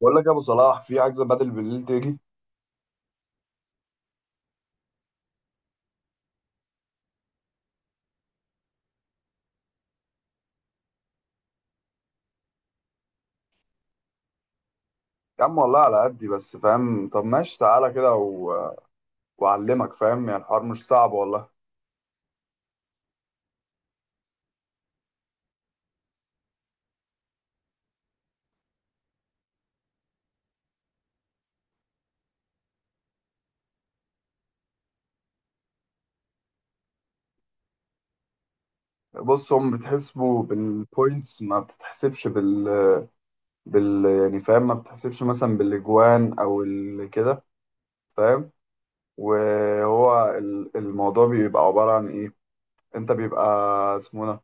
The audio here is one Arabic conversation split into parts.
بقول لك يا ابو صلاح، في عجزه بدل بالليل تيجي. يا عم والله على قدي، بس فاهم. طب ماشي تعالى كده واعلمك. فاهم يعني الحوار مش صعب والله. بص، هم بتحسبوا بالبوينتس، ما بتتحسبش بال يعني، فاهم. ما بتحسبش مثلا بالاجوان او كده، فاهم. وهو الموضوع بيبقى عباره عن ايه. انت بيبقى اسمه ده،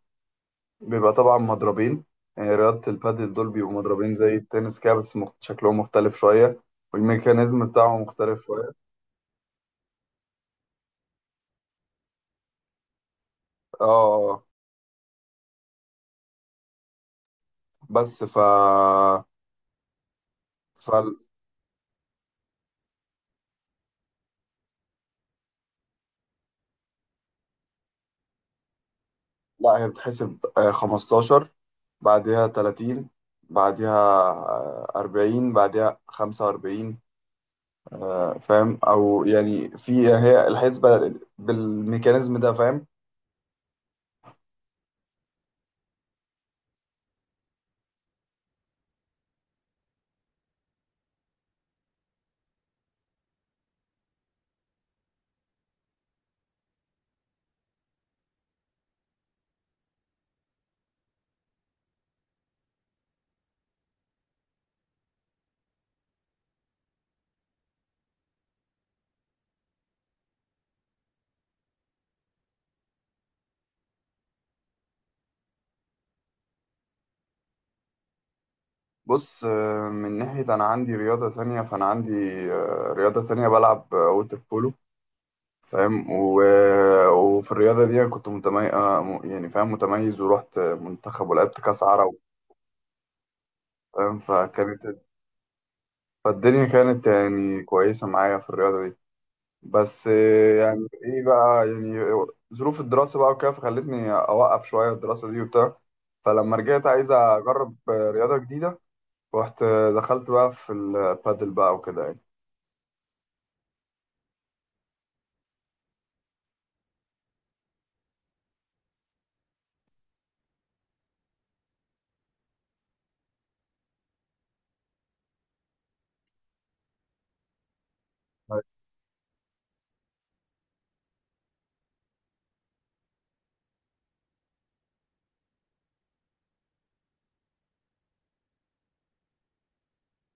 بيبقى طبعا مضربين. يعني رياضه البادل دول بيبقوا مضربين زي التنس كده، بس شكلهم مختلف شويه. والميكانيزم بتاعهم مختلف شوية. اه، آه. بس ف ف لا، هي بتحسب 15، بعدها 30، بعدها 40، بعدها 45. فاهم، او يعني في هي الحسبة بالميكانيزم ده، فاهم. بص، من ناحية أنا عندي رياضة ثانية، فأنا عندي رياضة ثانية، بلعب ووتر بولو، فاهم. وفي الرياضة دي أنا كنت متميز، يعني فاهم، متميز. ورحت منتخب ولعبت كأس عرب، فاهم. فالدنيا كانت يعني كويسة معايا في الرياضة دي. بس يعني ايه بقى، يعني ظروف الدراسة بقى وكده، فخلتني أوقف شوية الدراسة دي وبتاع. فلما رجعت عايز أجرب رياضة جديدة. رحت دخلت بقى في البادل بقى وكده يعني.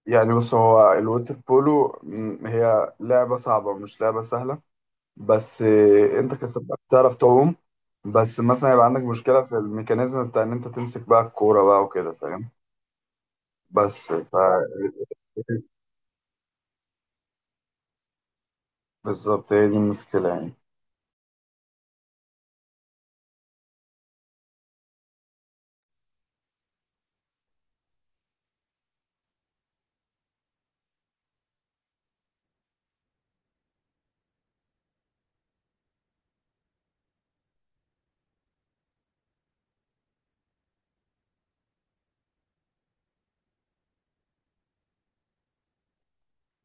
يعني بص، هو الوتر بولو هي لعبة صعبة، مش لعبة سهلة. بس انت كسبت تعرف تعوم، بس مثلا يبقى عندك مشكلة في الميكانيزم بتاع ان انت تمسك بقى الكورة بقى وكده، فاهم. بس ف بالظبط، هي دي المشكلة يعني.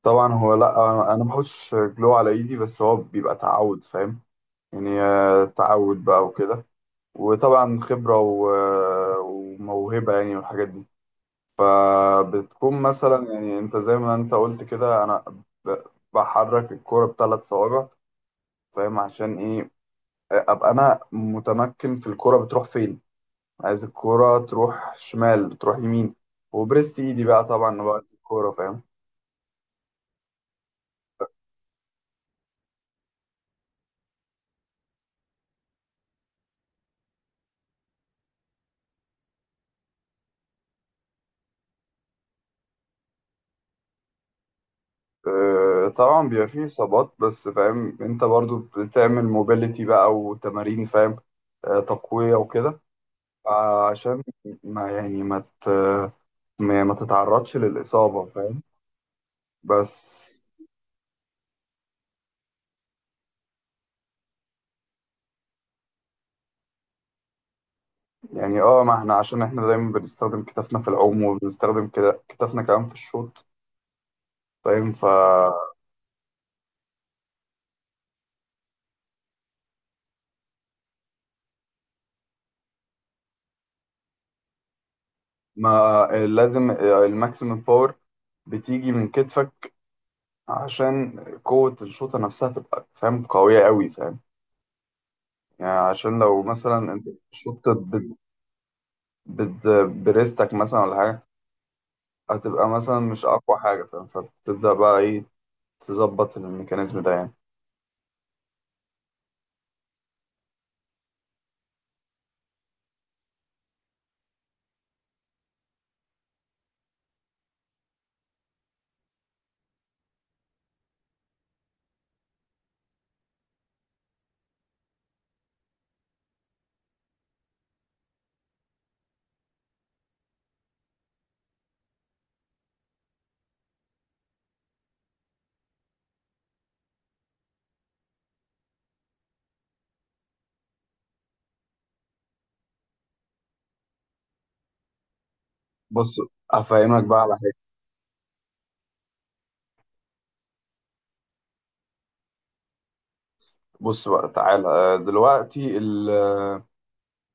طبعا هو، لا أنا ما بحطش جلو على ايدي، بس هو بيبقى تعود، فاهم. يعني تعود بقى وكده. وطبعا خبرة وموهبة، يعني والحاجات دي. فبتكون مثلا يعني انت زي ما انت قلت كده، انا ب- بحرك الكورة بثلاث صوابع، فاهم. عشان ايه؟ ابقى انا متمكن في الكورة بتروح فين، عايز الكورة تروح شمال تروح يمين. وبرست ايدي بقى طبعا وقت الكورة، فاهم. طبعا بيبقى فيه إصابات، بس فاهم، أنت برضو بتعمل موبيليتي بقى وتمارين، فاهم، تقوية وكده. عشان ما يعني ما ت... ما ما تتعرضش للإصابة، فاهم. بس يعني، اه، ما احنا عشان احنا دايما بنستخدم كتافنا في العوم، وبنستخدم كده كتافنا كمان في الشوط، فاهم. فما لازم. الماكسيمم باور بتيجي من كتفك، عشان قوة الشوطة نفسها تبقى، فاهم، قوية قوي، فاهم. يعني عشان لو مثلا انت شطت بد... بريستك مثلا ولا حاجة، هتبقى مثلا مش أقوى حاجة، فاهم. فبتبدأ بقى إيه؟ تظبط الميكانيزم ده يعني. بص، هفهمك بقى على حاجة. بص بقى تعالى دلوقتي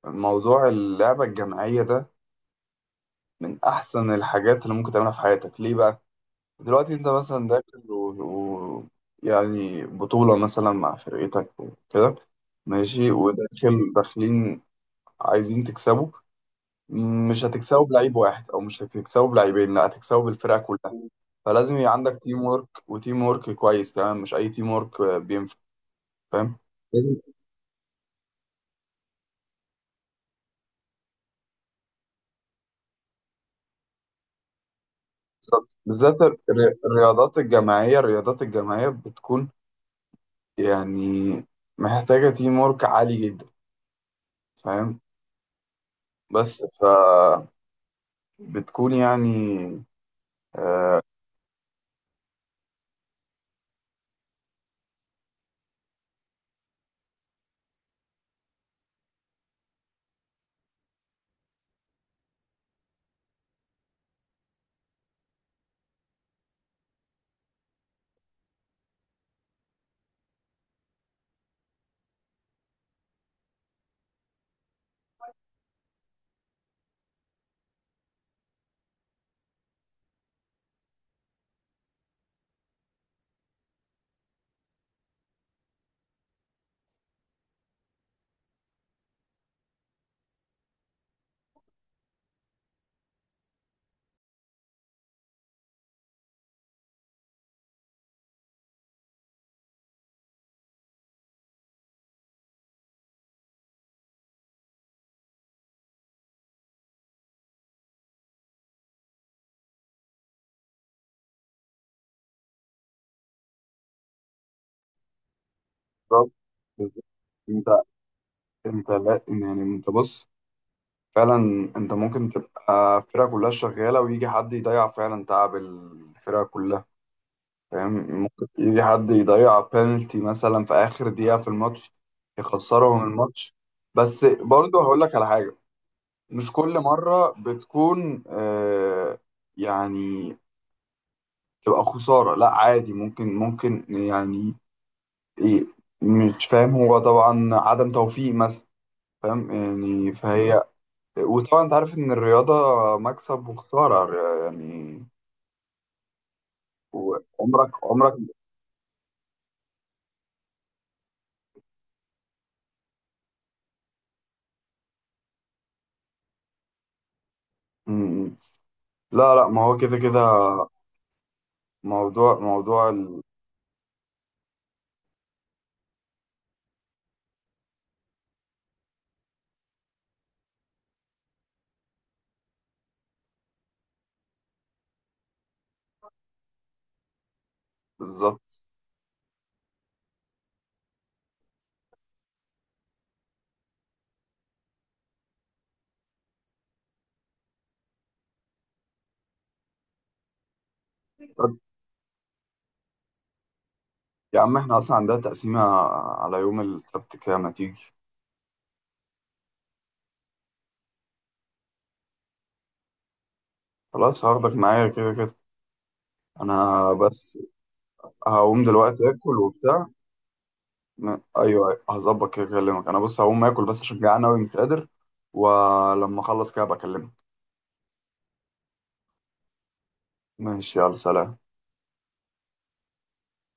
الموضوع، اللعبة الجماعية ده من أحسن الحاجات اللي ممكن تعملها في حياتك، ليه بقى؟ دلوقتي أنت مثلا داخل و... يعني بطولة مثلا مع فرقتك وكده، ماشي، وداخل داخلين عايزين تكسبوا. مش هتكسبه بلعيب واحد، او مش هتكسبه بلعيبين، لا، هتكسبه بالفرقه كلها. فلازم يبقى عندك تيم ورك، وتيم ورك كويس كمان، مش اي تيم ورك بينفع، فاهم، لازم. بالظبط. بالذات الرياضات الجماعيه بتكون يعني محتاجه تيم ورك عالي جدا، فاهم. بس ف بتكون يعني، آه. بالظبط. انت انت لا يعني، انت بص، فعلا انت ممكن تبقى الفرقة كلها شغالة ويجي حد يضيع فعلا تعب الفرقة كلها، فاهم. ممكن يجي حد يضيع بينالتي مثلا في آخر دقيقة في الماتش، يخسرهم الماتش. بس برضه هقول لك على حاجة. مش كل مرة بتكون آه، يعني تبقى خسارة، لا عادي، ممكن يعني. ايه، مش فاهم، هو طبعا عدم توفيق مثلا، فاهم يعني، فهي. وطبعا انت عارف ان الرياضة مكسب وخسارة يعني. وعمرك عمرك. مم. لا، لا، ما هو كده كده. موضوع موضوع ال- بالظبط. طب يا عم احنا اصلا عندنا تقسيمة على يوم السبت، كده ما تيجي. خلاص، هاخدك معايا كده كده. انا بس هقوم دلوقتي اكل وبتاع. م- ايوه، أيوة، هظبط كده اكلمك. انا بص هقوم اكل بس عشان جعان اوي مش قادر. ولما اخلص كده بكلمك. ماشي، يلا، سلام.